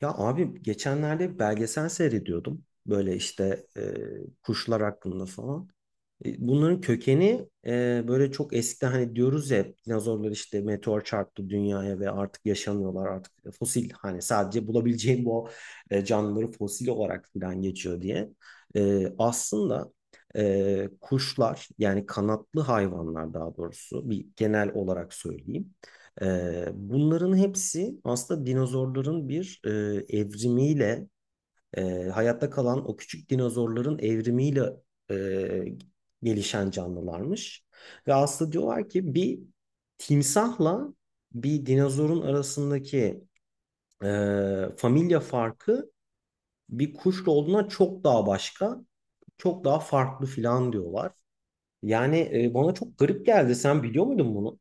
Ya abi geçenlerde bir belgesel seyrediyordum. Böyle işte kuşlar hakkında falan. Bunların kökeni böyle çok eskiden hani diyoruz ya hep dinozorlar işte meteor çarptı dünyaya ve artık yaşamıyorlar artık fosil hani sadece bulabileceğim bu canlıları fosil olarak falan geçiyor diye. Aslında kuşlar yani kanatlı hayvanlar daha doğrusu bir genel olarak söyleyeyim. Bunların hepsi aslında dinozorların bir evrimiyle hayatta kalan o küçük dinozorların evrimiyle e, gelişen canlılarmış. Ve aslında diyorlar ki bir timsahla bir dinozorun arasındaki e, familya farkı bir kuşla olduğuna çok daha başka, çok daha farklı filan diyorlar. Yani bana çok garip geldi. Sen biliyor muydun bunu?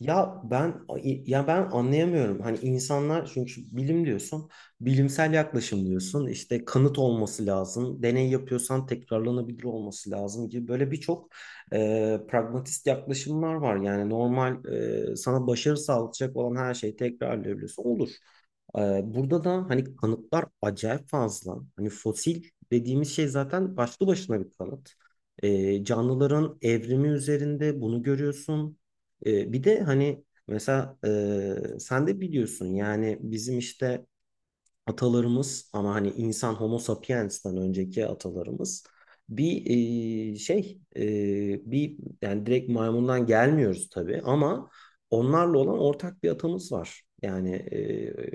Ya ben ya ben anlayamıyorum. Hani insanlar çünkü bilim diyorsun, bilimsel yaklaşım diyorsun. İşte kanıt olması lazım. Deney yapıyorsan tekrarlanabilir olması lazım gibi böyle birçok pragmatist yaklaşımlar var. Yani normal sana başarı sağlayacak olan her şeyi tekrarlayabiliyorsun. Olur. E, burada da hani kanıtlar acayip fazla. Hani fosil dediğimiz şey zaten başlı başına bir kanıt. Canlıların evrimi üzerinde bunu görüyorsun. Bir de hani mesela sen de biliyorsun yani bizim işte atalarımız ama hani insan Homo sapiens'ten önceki atalarımız bir e, şey e, bir yani direkt maymundan gelmiyoruz tabii ama onlarla olan ortak bir atamız var. Yani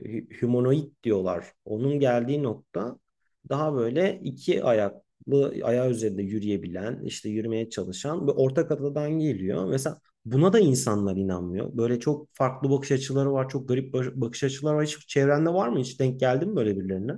humanoid diyorlar. Onun geldiği nokta daha böyle iki ayaklı ayağı üzerinde yürüyebilen, işte yürümeye çalışan bir ortak atadan geliyor. Mesela buna da insanlar inanmıyor. Böyle çok farklı bakış açıları var, çok garip bakış açıları var. Hiç çevrende var mı? Hiç denk geldin mi böyle birilerine?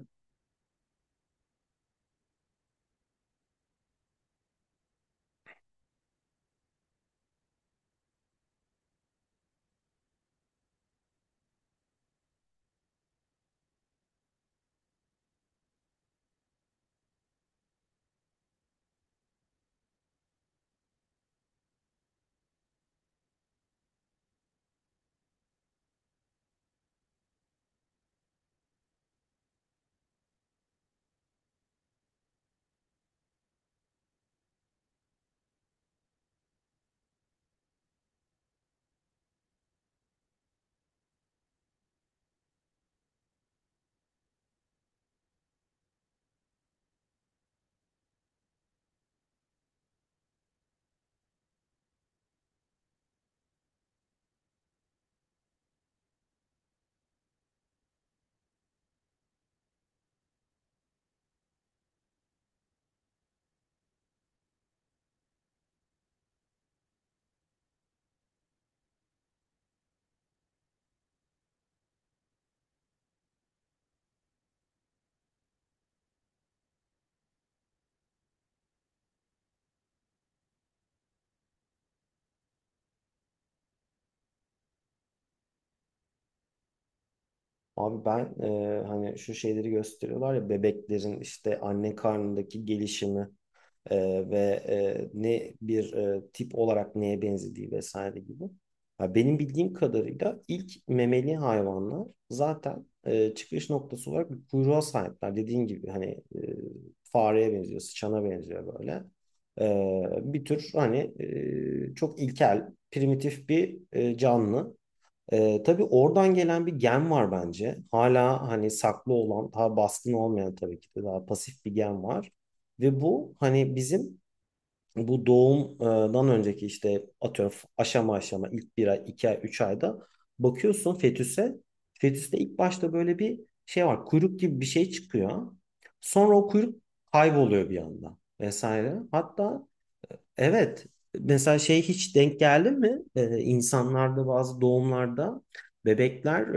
Abi ben hani şu şeyleri gösteriyorlar ya bebeklerin işte anne karnındaki gelişimi E, ve ne bir tip olarak neye benzediği vesaire gibi. Ha, benim bildiğim kadarıyla ilk memeli hayvanlar zaten çıkış noktası olarak bir kuyruğa sahipler. Dediğin gibi hani e, fareye benziyor, sıçana benziyor böyle. Bir tür hani çok ilkel, primitif bir canlı. Tabii oradan gelen bir gen var bence. Hala hani saklı olan, daha baskın olmayan tabii ki de daha pasif bir gen var. Ve bu hani bizim bu doğumdan önceki işte atıyorum aşama aşama ilk bir ay, iki ay, üç ayda bakıyorsun fetüse. Fetüste ilk başta böyle bir şey var. Kuyruk gibi bir şey çıkıyor. Sonra o kuyruk kayboluyor bir anda vesaire. Hatta evet. Mesela şey hiç denk geldi mi? İnsanlarda bazı doğumlarda bebekler,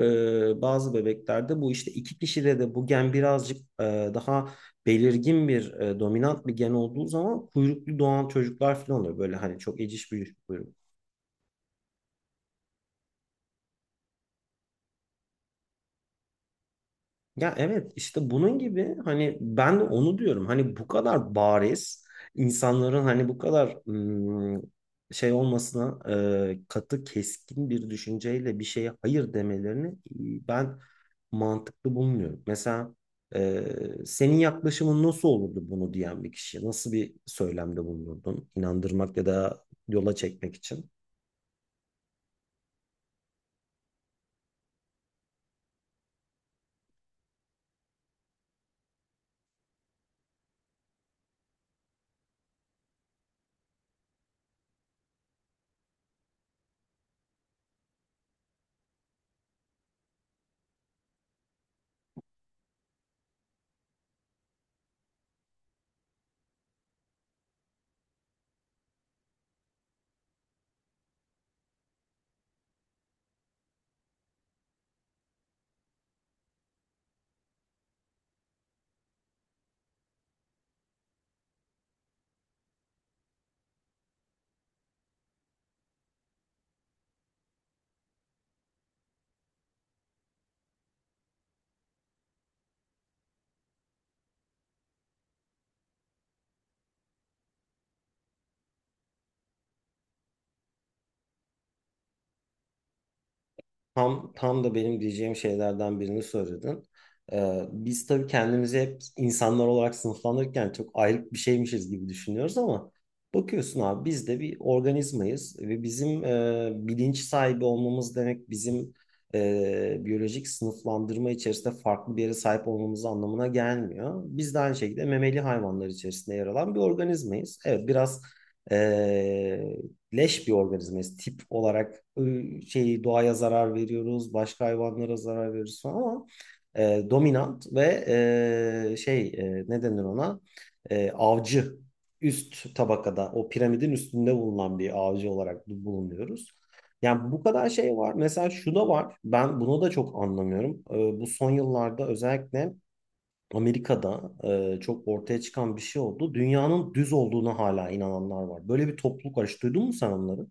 bazı bebeklerde bu işte iki kişide de bu gen birazcık daha belirgin bir dominant bir gen olduğu zaman kuyruklu doğan çocuklar falan oluyor. Böyle hani çok eciş büyük. Ya evet işte bunun gibi hani ben de onu diyorum. Hani bu kadar bariz insanların hani bu kadar şey olmasına katı keskin bir düşünceyle bir şeye hayır demelerini ben mantıklı bulmuyorum. Mesela e, senin yaklaşımın nasıl olurdu bunu diyen bir kişi? Nasıl bir söylemde bulunurdun? İnandırmak ya da yola çekmek için? Tam da benim diyeceğim şeylerden birini söyledin. Biz tabii kendimizi hep insanlar olarak sınıflandırırken çok ayrık bir şeymişiz gibi düşünüyoruz ama bakıyorsun abi biz de bir organizmayız ve bizim bilinç sahibi olmamız demek bizim biyolojik sınıflandırma içerisinde farklı bir yere sahip olmamız anlamına gelmiyor. Biz de aynı şekilde memeli hayvanlar içerisinde yer alan bir organizmayız. Evet, biraz e, leş bir organizmayız. Tip olarak doğaya zarar veriyoruz, başka hayvanlara zarar veriyoruz falan ama dominant ve ne denir ona? Avcı üst tabakada o piramidin üstünde bulunan bir avcı olarak bulunuyoruz. Yani bu kadar şey var. Mesela şu da var. Ben bunu da çok anlamıyorum. Bu son yıllarda özellikle Amerika'da çok ortaya çıkan bir şey oldu. Dünyanın düz olduğuna hala inananlar var. Böyle bir topluluk var. Hiç duydun mu sen onları?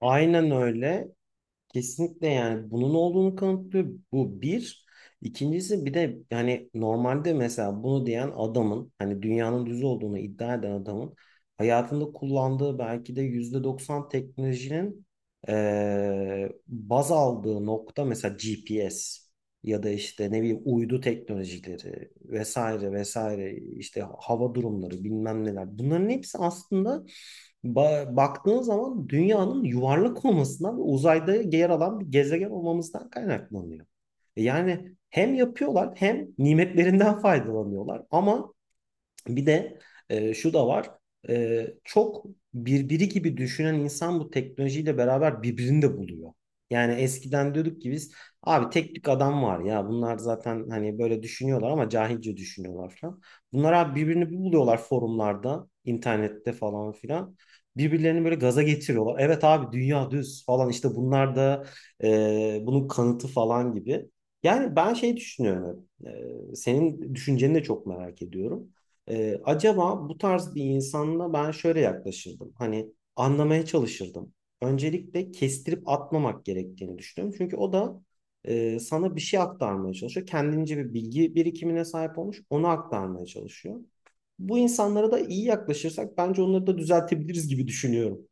Aynen öyle. Kesinlikle yani bunun olduğunu kanıtlıyor. Bu bir. İkincisi bir de yani normalde mesela bunu diyen adamın hani dünyanın düz olduğunu iddia eden adamın hayatında kullandığı belki de %90 teknolojinin baz aldığı nokta mesela GPS ya da işte ne bileyim uydu teknolojileri vesaire vesaire işte hava durumları bilmem neler. Bunların hepsi aslında baktığın zaman dünyanın yuvarlak olmasından ve uzayda yer alan bir gezegen olmamızdan kaynaklanıyor. Yani hem yapıyorlar hem nimetlerinden faydalanıyorlar ama bir de şu da var. Çok birbiri gibi düşünen insan bu teknolojiyle beraber birbirini de buluyor. Yani eskiden diyorduk ki biz abi tek tük adam var ya bunlar zaten hani böyle düşünüyorlar ama cahilce düşünüyorlar falan. Bunlar abi birbirini buluyorlar forumlarda, internette falan filan. Birbirlerini böyle gaza getiriyorlar. Evet abi dünya düz falan işte bunlar da bunun kanıtı falan gibi. Yani ben şey düşünüyorum. Senin düşünceni de çok merak ediyorum. Acaba bu tarz bir insanla ben şöyle yaklaşırdım. Hani anlamaya çalışırdım. Öncelikle kestirip atmamak gerektiğini düşünüyorum. Çünkü o da sana bir şey aktarmaya çalışıyor. Kendince bir bilgi birikimine sahip olmuş. Onu aktarmaya çalışıyor. Bu insanlara da iyi yaklaşırsak bence onları da düzeltebiliriz gibi düşünüyorum.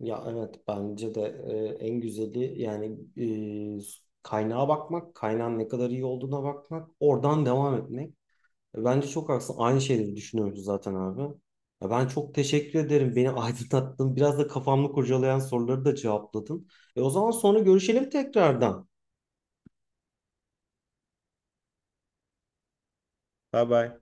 Ya evet, bence de en güzeli yani e, kaynağa bakmak, kaynağın ne kadar iyi olduğuna bakmak, oradan devam etmek. Bence çok haklısın. Aynı şeyleri düşünüyoruz zaten abi. Ya ben çok teşekkür ederim. Beni aydınlattın. Biraz da kafamı kurcalayan soruları da cevapladın. E, o zaman sonra görüşelim tekrardan. Bye bye.